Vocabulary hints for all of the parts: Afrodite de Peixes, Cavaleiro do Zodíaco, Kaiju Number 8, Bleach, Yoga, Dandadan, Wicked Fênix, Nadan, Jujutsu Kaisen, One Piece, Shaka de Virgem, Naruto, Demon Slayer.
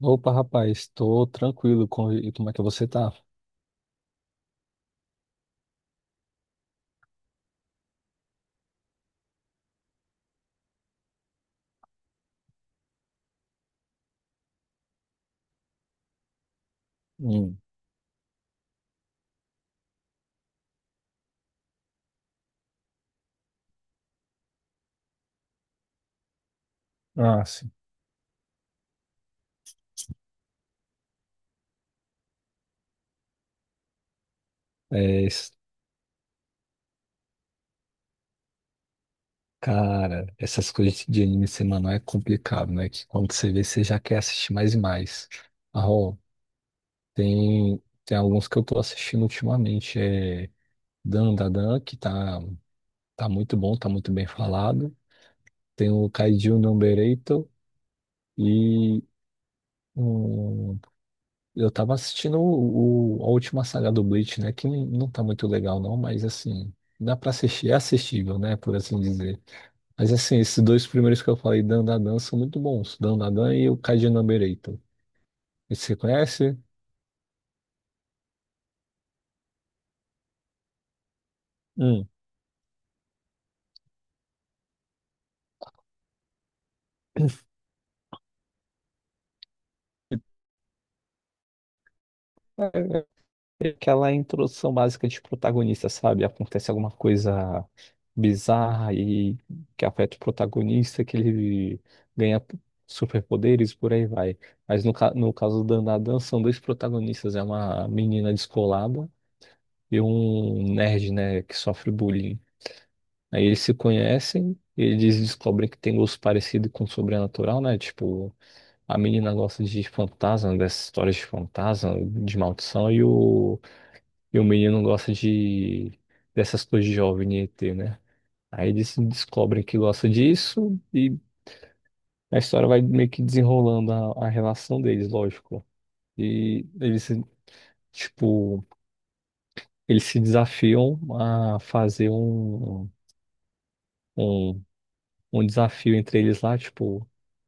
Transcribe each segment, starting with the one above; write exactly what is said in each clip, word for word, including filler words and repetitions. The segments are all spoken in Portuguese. Opa, rapaz, estou tranquilo. Com... E como é que você tá? Hum. Ah, sim. É, es- Cara, essas coisas de anime semanal é complicado, né? Que quando você vê, você já quer assistir mais e mais. Ah, ó, tem, tem alguns que eu tô assistindo ultimamente. É Dan Da Dan, que tá, tá muito bom, tá muito bem falado. Tem o Kaiju Number oito e. um Eu tava assistindo o, o- a última saga do Bleach, né? Que não não tá muito legal, não, mas assim, dá pra assistir, é assistível, né? Por assim dizer. Mas assim, esses dois primeiros que eu falei, Dandadan, são muito bons. Dandadan e o Kaji Number Eight. Esse você conhece? Hum. Aquela introdução básica de protagonista, sabe? Acontece alguma coisa bizarra e que afeta o protagonista, que ele ganha superpoderes, por aí vai. Mas no, ca- no caso da Nadan, são dois protagonistas, é uma menina descolada e um nerd, né, que sofre bullying. Aí eles se conhecem, eles descobrem que tem gosto parecido com o sobrenatural, né? Tipo, a menina gosta de fantasma, dessas histórias de fantasma, de maldição, e o e o menino gosta de dessas coisas de jovem e ET, né? Aí eles descobrem que gosta disso e a história vai meio que desenrolando a, a relação deles, lógico. E eles, tipo, eles se desafiam a fazer um, um, um desafio entre eles lá, tipo,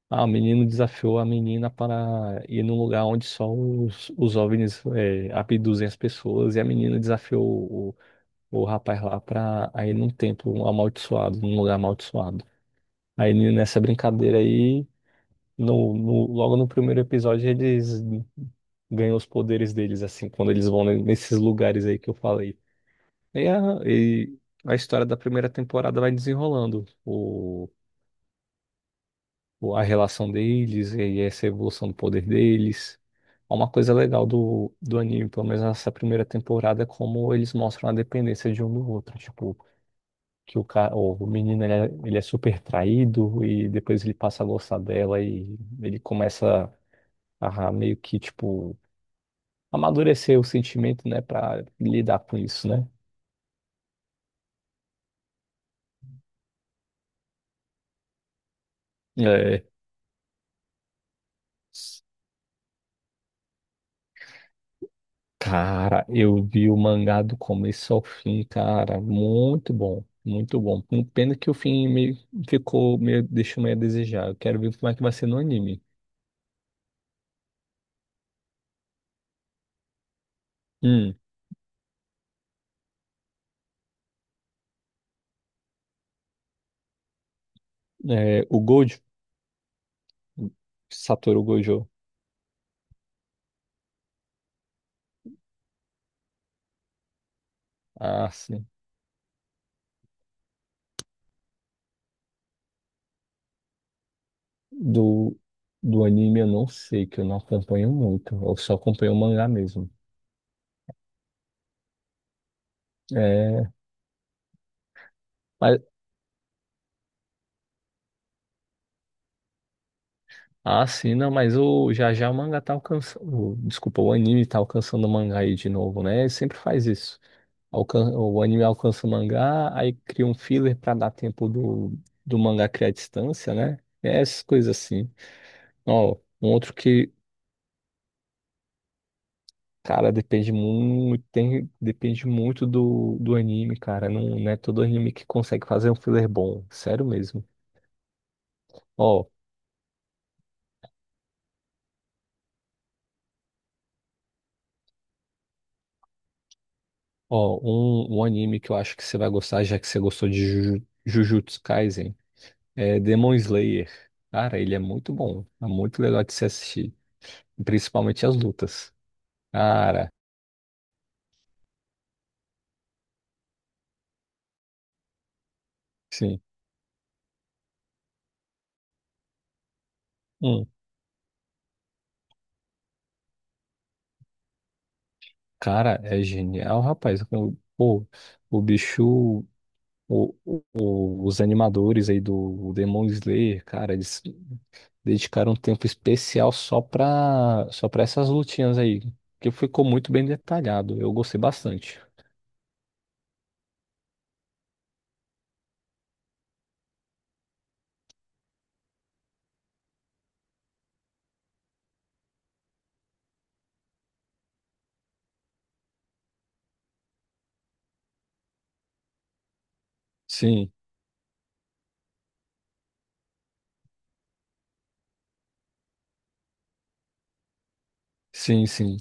ah, o menino desafiou a menina para ir num lugar onde só os, os OVNIs é, abduzem as pessoas e a menina desafiou o rapaz lá pra aí num templo amaldiçoado, num lugar amaldiçoado. Aí nessa brincadeira aí, no, no- logo no primeiro episódio, eles ganham os poderes deles, assim, quando eles vão nesses lugares aí que eu falei. E a, e a história da primeira temporada vai desenrolando o, o- a relação deles e essa evolução do poder deles. É uma coisa legal do, do anime, pelo menos nessa primeira temporada, é como eles mostram a dependência de um do outro. Tipo, que o cara, o menino ele é, ele é super traído e depois ele passa a gostar dela e ele começa a meio que tipo amadurecer o sentimento, né, pra lidar com isso, né? É. Cara, eu vi o mangá do começo ao fim, cara, muito bom, muito bom. Um Pena que o fim meio ficou meio deixou meio a desejar. Eu quero ver como é que vai ser no anime. Hum, é, o Gojo, Satoru Gojo. Ah, sim. Do, do anime eu não sei, que eu não acompanho muito. Eu só acompanho o mangá mesmo. É, mas, ah, sim, não, mas o, já já o mangá tá alcançando. o- Desculpa, o anime tá alcançando o mangá aí de novo, né? Ele sempre faz isso. Alcan, o anime alcança o mangá, aí cria um filler pra dar tempo do, do mangá criar distância, né? É essas coisas assim. Ó, um outro que cara, depende muito, tem, depende muito do, do anime, cara. Não, não é todo anime que consegue fazer um filler bom. Sério mesmo. Ó, ó, um, um anime que eu acho que você vai gostar, já que você gostou de Juju- Jujutsu Kaisen, é Demon Slayer. Cara, ele é muito bom. É muito legal de se assistir. Principalmente as lutas. Cara, sim. Hum, cara, é genial, rapaz. Eu- Pô, o bicho. O, o- os animadores aí do Demon Slayer, cara, eles dedicaram um tempo especial só para só para essas lutinhas aí, que ficou muito bem detalhado. Eu gostei bastante. Sim, sim, sim.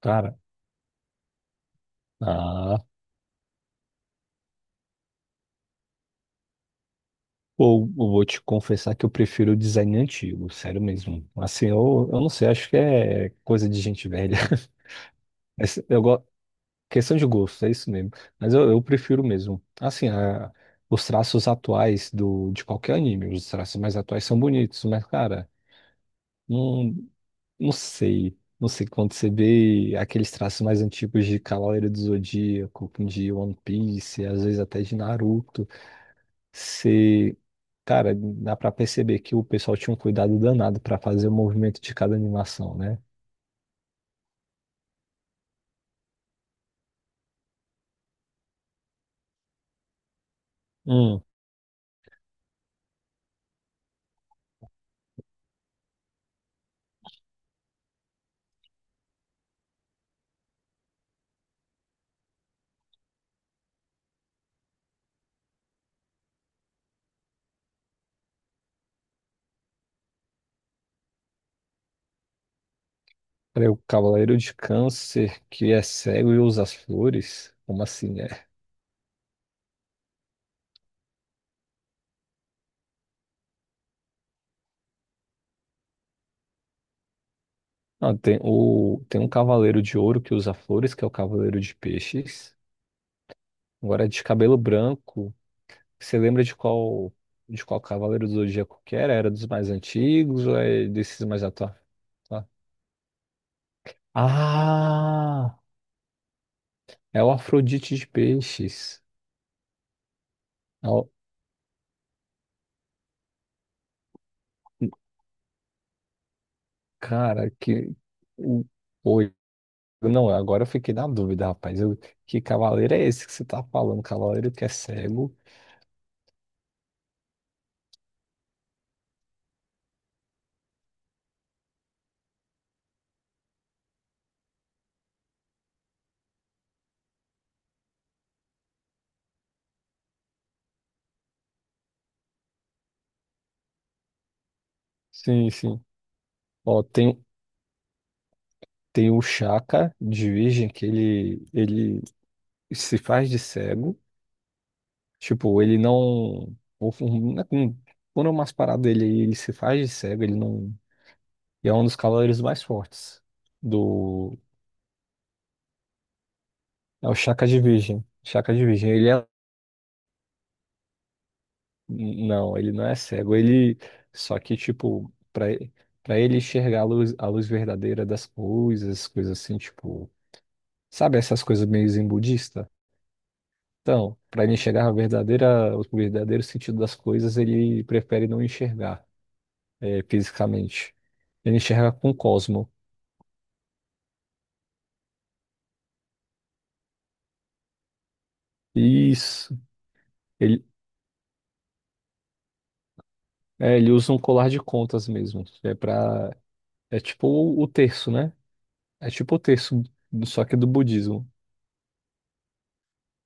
Cara, ah, ou eu vou te confessar que eu prefiro o design antigo, sério mesmo. Assim, eu, eu não sei, acho que é coisa de gente velha. Essa- Eu gosto, questão de gosto, é isso mesmo. Mas eu, eu prefiro mesmo. Assim, a- os traços atuais do, de qualquer anime, os traços mais atuais são bonitos, mas, cara. Não. Não sei. Não sei quando você vê aqueles traços mais antigos de Cavaleiro do Zodíaco, de One Piece, às vezes até de Naruto. Você, cara, dá pra perceber que o pessoal tinha um cuidado danado pra fazer o movimento de cada animação, né? Hum. Peraí, o Cavaleiro de Câncer que é cego e usa as flores? Como assim, né? Não, tem, o, tem um Cavaleiro de Ouro que usa flores, que é o Cavaleiro de Peixes. Agora, de cabelo branco. Você lembra de qual de qual Cavaleiro do Zodíaco que era? Era dos mais antigos ou é desses mais atuais? Ah, é o Afrodite de Peixes. É o- Cara, que. o- Oi. Não, agora eu fiquei na dúvida, rapaz. Eu- Que cavaleiro é esse que você tá falando? Cavaleiro que é cego? Sim, sim. Ó, tem, tem o Chaka de Virgem, que ele, ele se faz de cego. Tipo, ele não. O- o- né, com- quando é umas paradas dele aí, ele se faz de cego, ele não. E é um dos cavaleiros mais fortes do. É o Shaka de Virgem. Shaka de Virgem. Ele é. Não, ele não é cego. Ele. Só que, tipo, pra, e- pra ele enxergar a luz, a luz verdadeira das coisas, coisas assim, tipo. Sabe essas coisas meio zen budista? Então, pra ele enxergar a verdadeira, o verdadeiro sentido das coisas, ele prefere não enxergar. É, fisicamente. Ele enxerga com o Cosmo. Isso. Ele, é, ele usa um colar de contas mesmo. É para É tipo o, o terço, né? É tipo o terço, só que do budismo.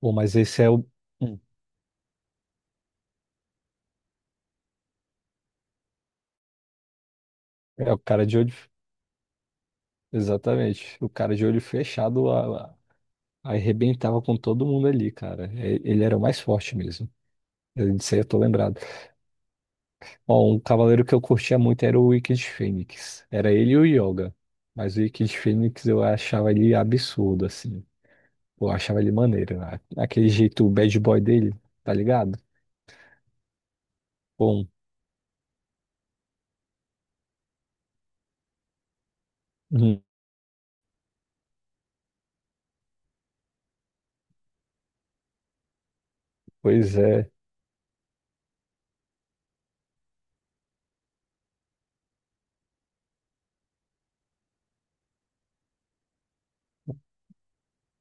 Bom, mas esse é o hum, é o cara de olho, exatamente. O cara de olho fechado a, a- arrebentava com todo mundo ali, cara. É, ele era o mais forte mesmo. Eu- Disso aí eu tô lembrado. Ó, um cavaleiro que eu curtia muito era o Wicked Fênix. Era ele e o Yoga. Mas o Wicked Fênix eu achava ele absurdo, assim. Eu achava ele maneiro. Né? Aquele jeito bad boy dele, tá ligado? Bom, uhum. Pois é.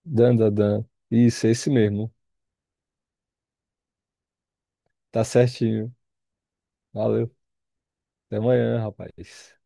Dan, dan, dan. Isso, é esse mesmo. Tá certinho. Valeu. Até amanhã, rapaz.